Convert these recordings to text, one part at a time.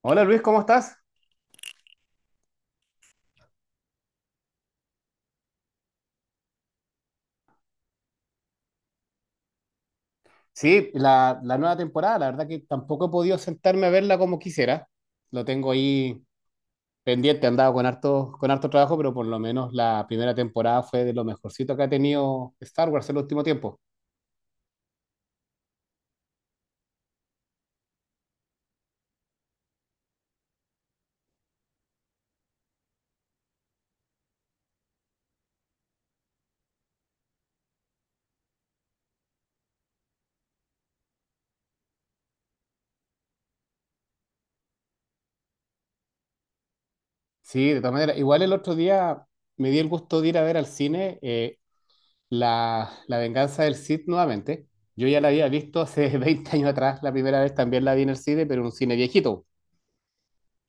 Hola Luis, ¿cómo estás? Sí, la nueva temporada, la verdad que tampoco he podido sentarme a verla como quisiera. Lo tengo ahí pendiente, he andado con harto trabajo, pero por lo menos la primera temporada fue de lo mejorcito que ha tenido Star Wars en el último tiempo. Sí, de todas maneras, igual el otro día me di el gusto de ir a ver al cine la venganza del Sith nuevamente. Yo ya la había visto hace 20 años atrás, la primera vez también la vi en el cine, pero en un cine viejito.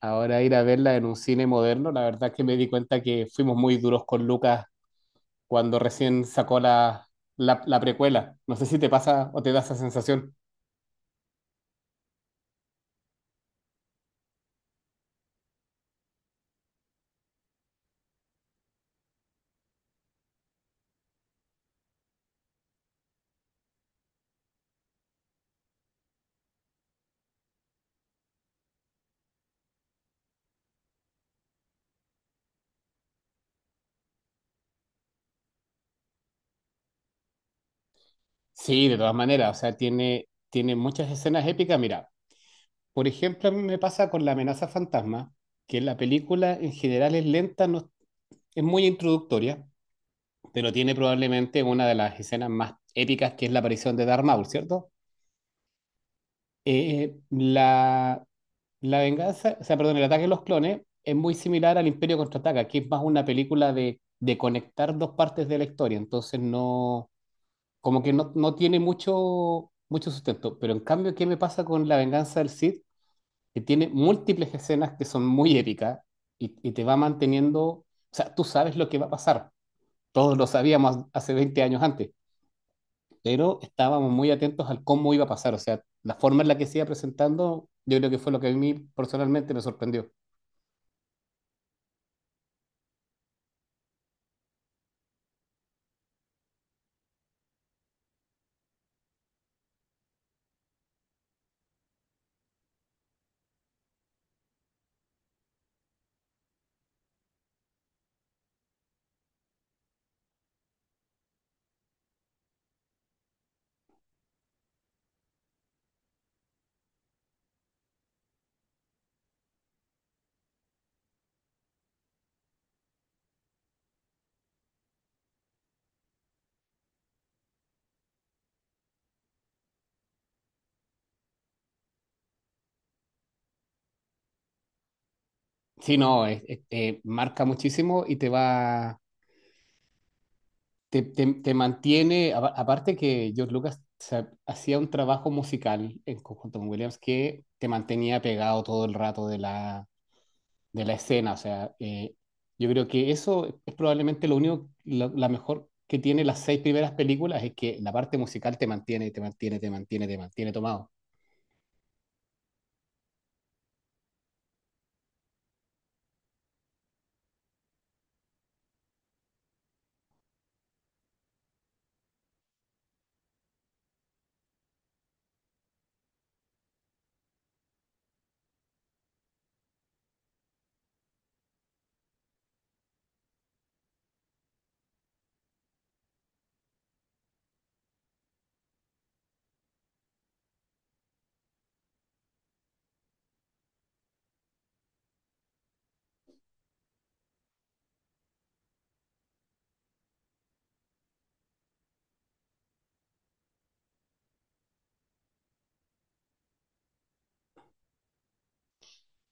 Ahora ir a verla en un cine moderno, la verdad es que me di cuenta que fuimos muy duros con Lucas cuando recién sacó la precuela. No sé si te pasa o te da esa sensación. Sí, de todas maneras, o sea, tiene muchas escenas épicas. Mira, por ejemplo, a mí me pasa con La amenaza fantasma, que la película en general es lenta, no, es muy introductoria, pero tiene probablemente una de las escenas más épicas, que es la aparición de Darth Maul, ¿cierto? Eh, la, o sea, perdón, el ataque de los clones es muy similar al Imperio Contraataca, que es más una película de conectar dos partes de la historia, entonces no, como que no tiene mucho, mucho sustento, pero en cambio, ¿qué me pasa con La venganza del Sith? Que tiene múltiples escenas que son muy épicas y te va manteniendo. O sea, tú sabes lo que va a pasar, todos lo sabíamos hace 20 años antes, pero estábamos muy atentos al cómo iba a pasar, o sea, la forma en la que se iba presentando, yo creo que fue lo que a mí personalmente me sorprendió. Sí, no, es- marca muchísimo y te va, te- te mantiene, aparte que George Lucas hacía un trabajo musical en conjunto con Williams que te mantenía pegado todo el rato de la escena. O sea, yo creo que eso es probablemente la mejor que tiene las seis primeras películas, es que la parte musical te mantiene tomado.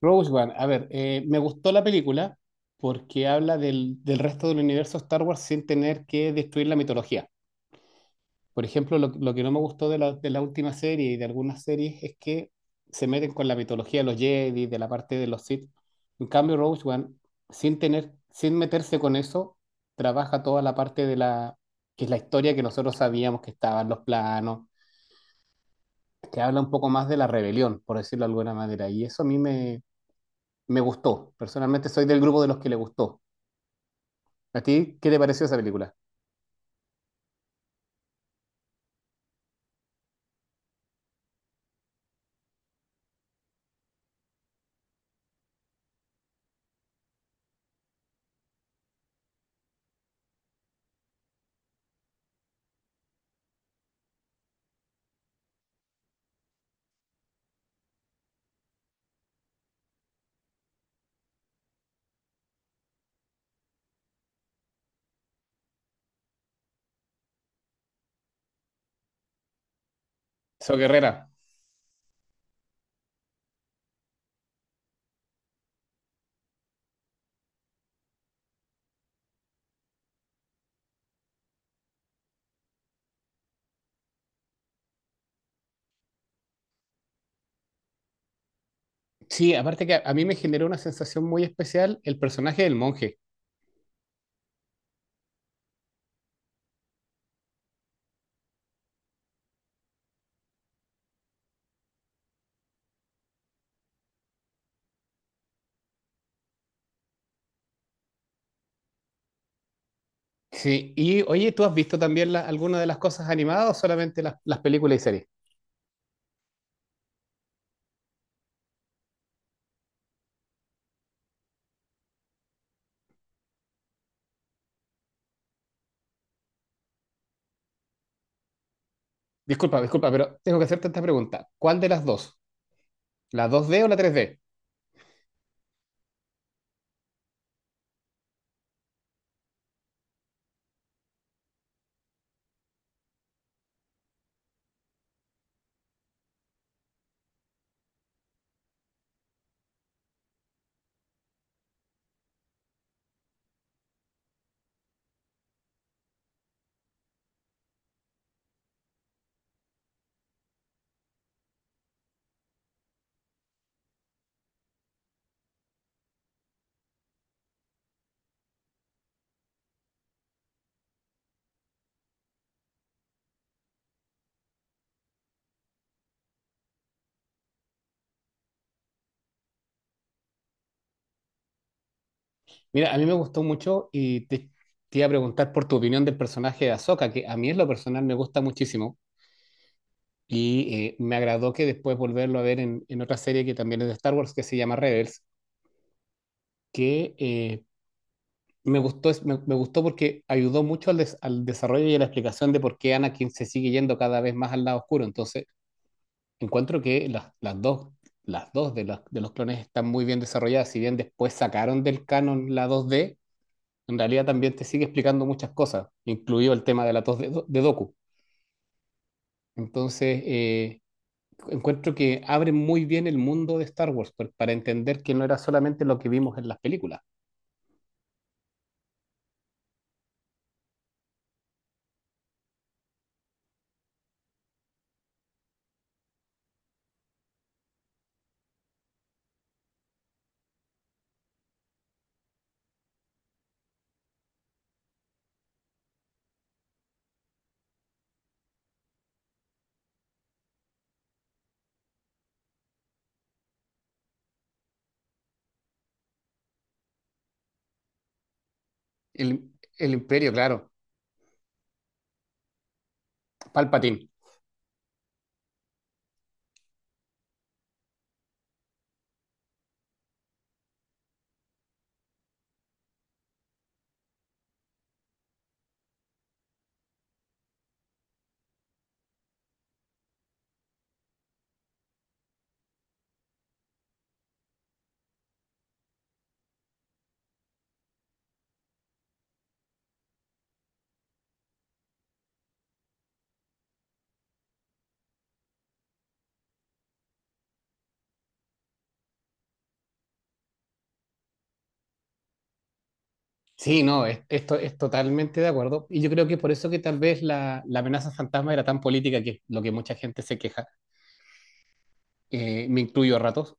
Rogue One, a ver, me gustó la película porque habla del resto del universo Star Wars sin tener que destruir la mitología. Por ejemplo, lo que no me gustó de la última serie y de algunas series es que se meten con la mitología de los Jedi, de la parte de los Sith. En cambio, Rogue One, sin meterse con eso, trabaja toda la parte que es la historia, que nosotros sabíamos que estaban los planos, que habla un poco más de la rebelión, por decirlo de alguna manera. Y eso a mí me gustó. Personalmente soy del grupo de los que le gustó. ¿A ti qué te pareció esa película? So Guerrera. Sí, aparte que a mí me generó una sensación muy especial el personaje del monje. Sí, y oye, ¿tú has visto también alguna de las cosas animadas, o solamente las películas y series? Disculpa, disculpa, pero tengo que hacerte esta pregunta. ¿Cuál de las dos? ¿La 2D o la 3D? Mira, a mí me gustó mucho y te iba a preguntar por tu opinión del personaje de Ahsoka, que a mí en lo personal me gusta muchísimo. Y me agradó que después volverlo a ver en, otra serie que también es de Star Wars, que se llama Rebels, que me gustó. Me gustó porque ayudó mucho al desarrollo y a la explicación de por qué Anakin se sigue yendo cada vez más al lado oscuro. Entonces, encuentro que las dos de los clones están muy bien desarrolladas. Si bien después sacaron del canon la dos d, en realidad también te sigue explicando muchas cosas, incluido el tema de la dos d de Doku. Entonces, encuentro que abren muy bien el mundo de Star Wars para entender que no era solamente lo que vimos en las películas. El, el Imperio, claro. Palpatine. Sí, no, es- esto es totalmente de acuerdo. Y yo creo que por eso que tal vez la amenaza fantasma era tan política, que es lo que mucha gente se queja. Me incluyo a ratos,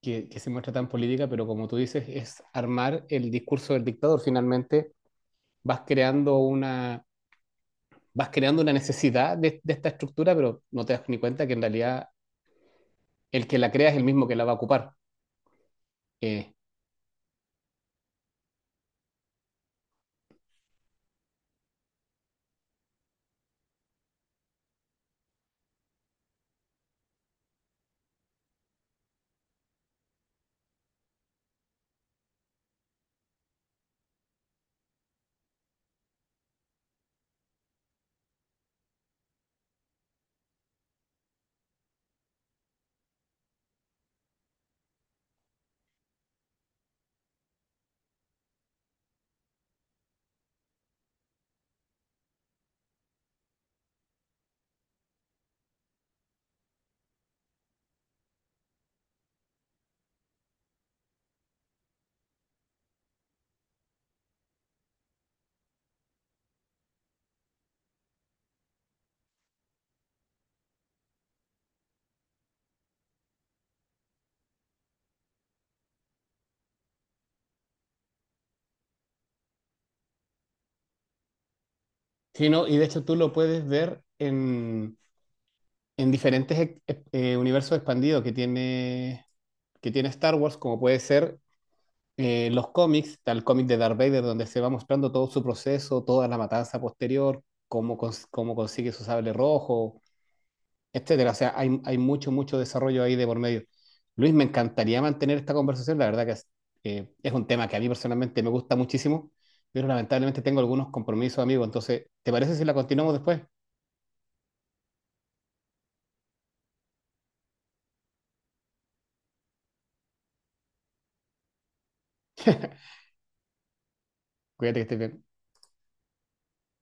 que se muestra tan política, pero como tú dices, es armar el discurso del dictador. Finalmente vas creando una, vas creando una necesidad de esta estructura, pero no te das ni cuenta que en realidad el que la crea es el mismo que la va a ocupar. Eh, sí, no, y de hecho tú lo puedes ver en diferentes universos expandidos que tiene Star Wars, como puede ser los cómics. Está el cómic de Darth Vader donde se va mostrando todo su proceso, toda la matanza posterior, cómo consigue su sable rojo, etcétera. O sea, hay mucho, mucho desarrollo ahí de por medio. Luis, me encantaría mantener esta conversación, la verdad que es un tema que a mí personalmente me gusta muchísimo, pero lamentablemente tengo algunos compromisos, amigo, entonces, ¿te parece si la continuamos después? Cuídate, que estés bien.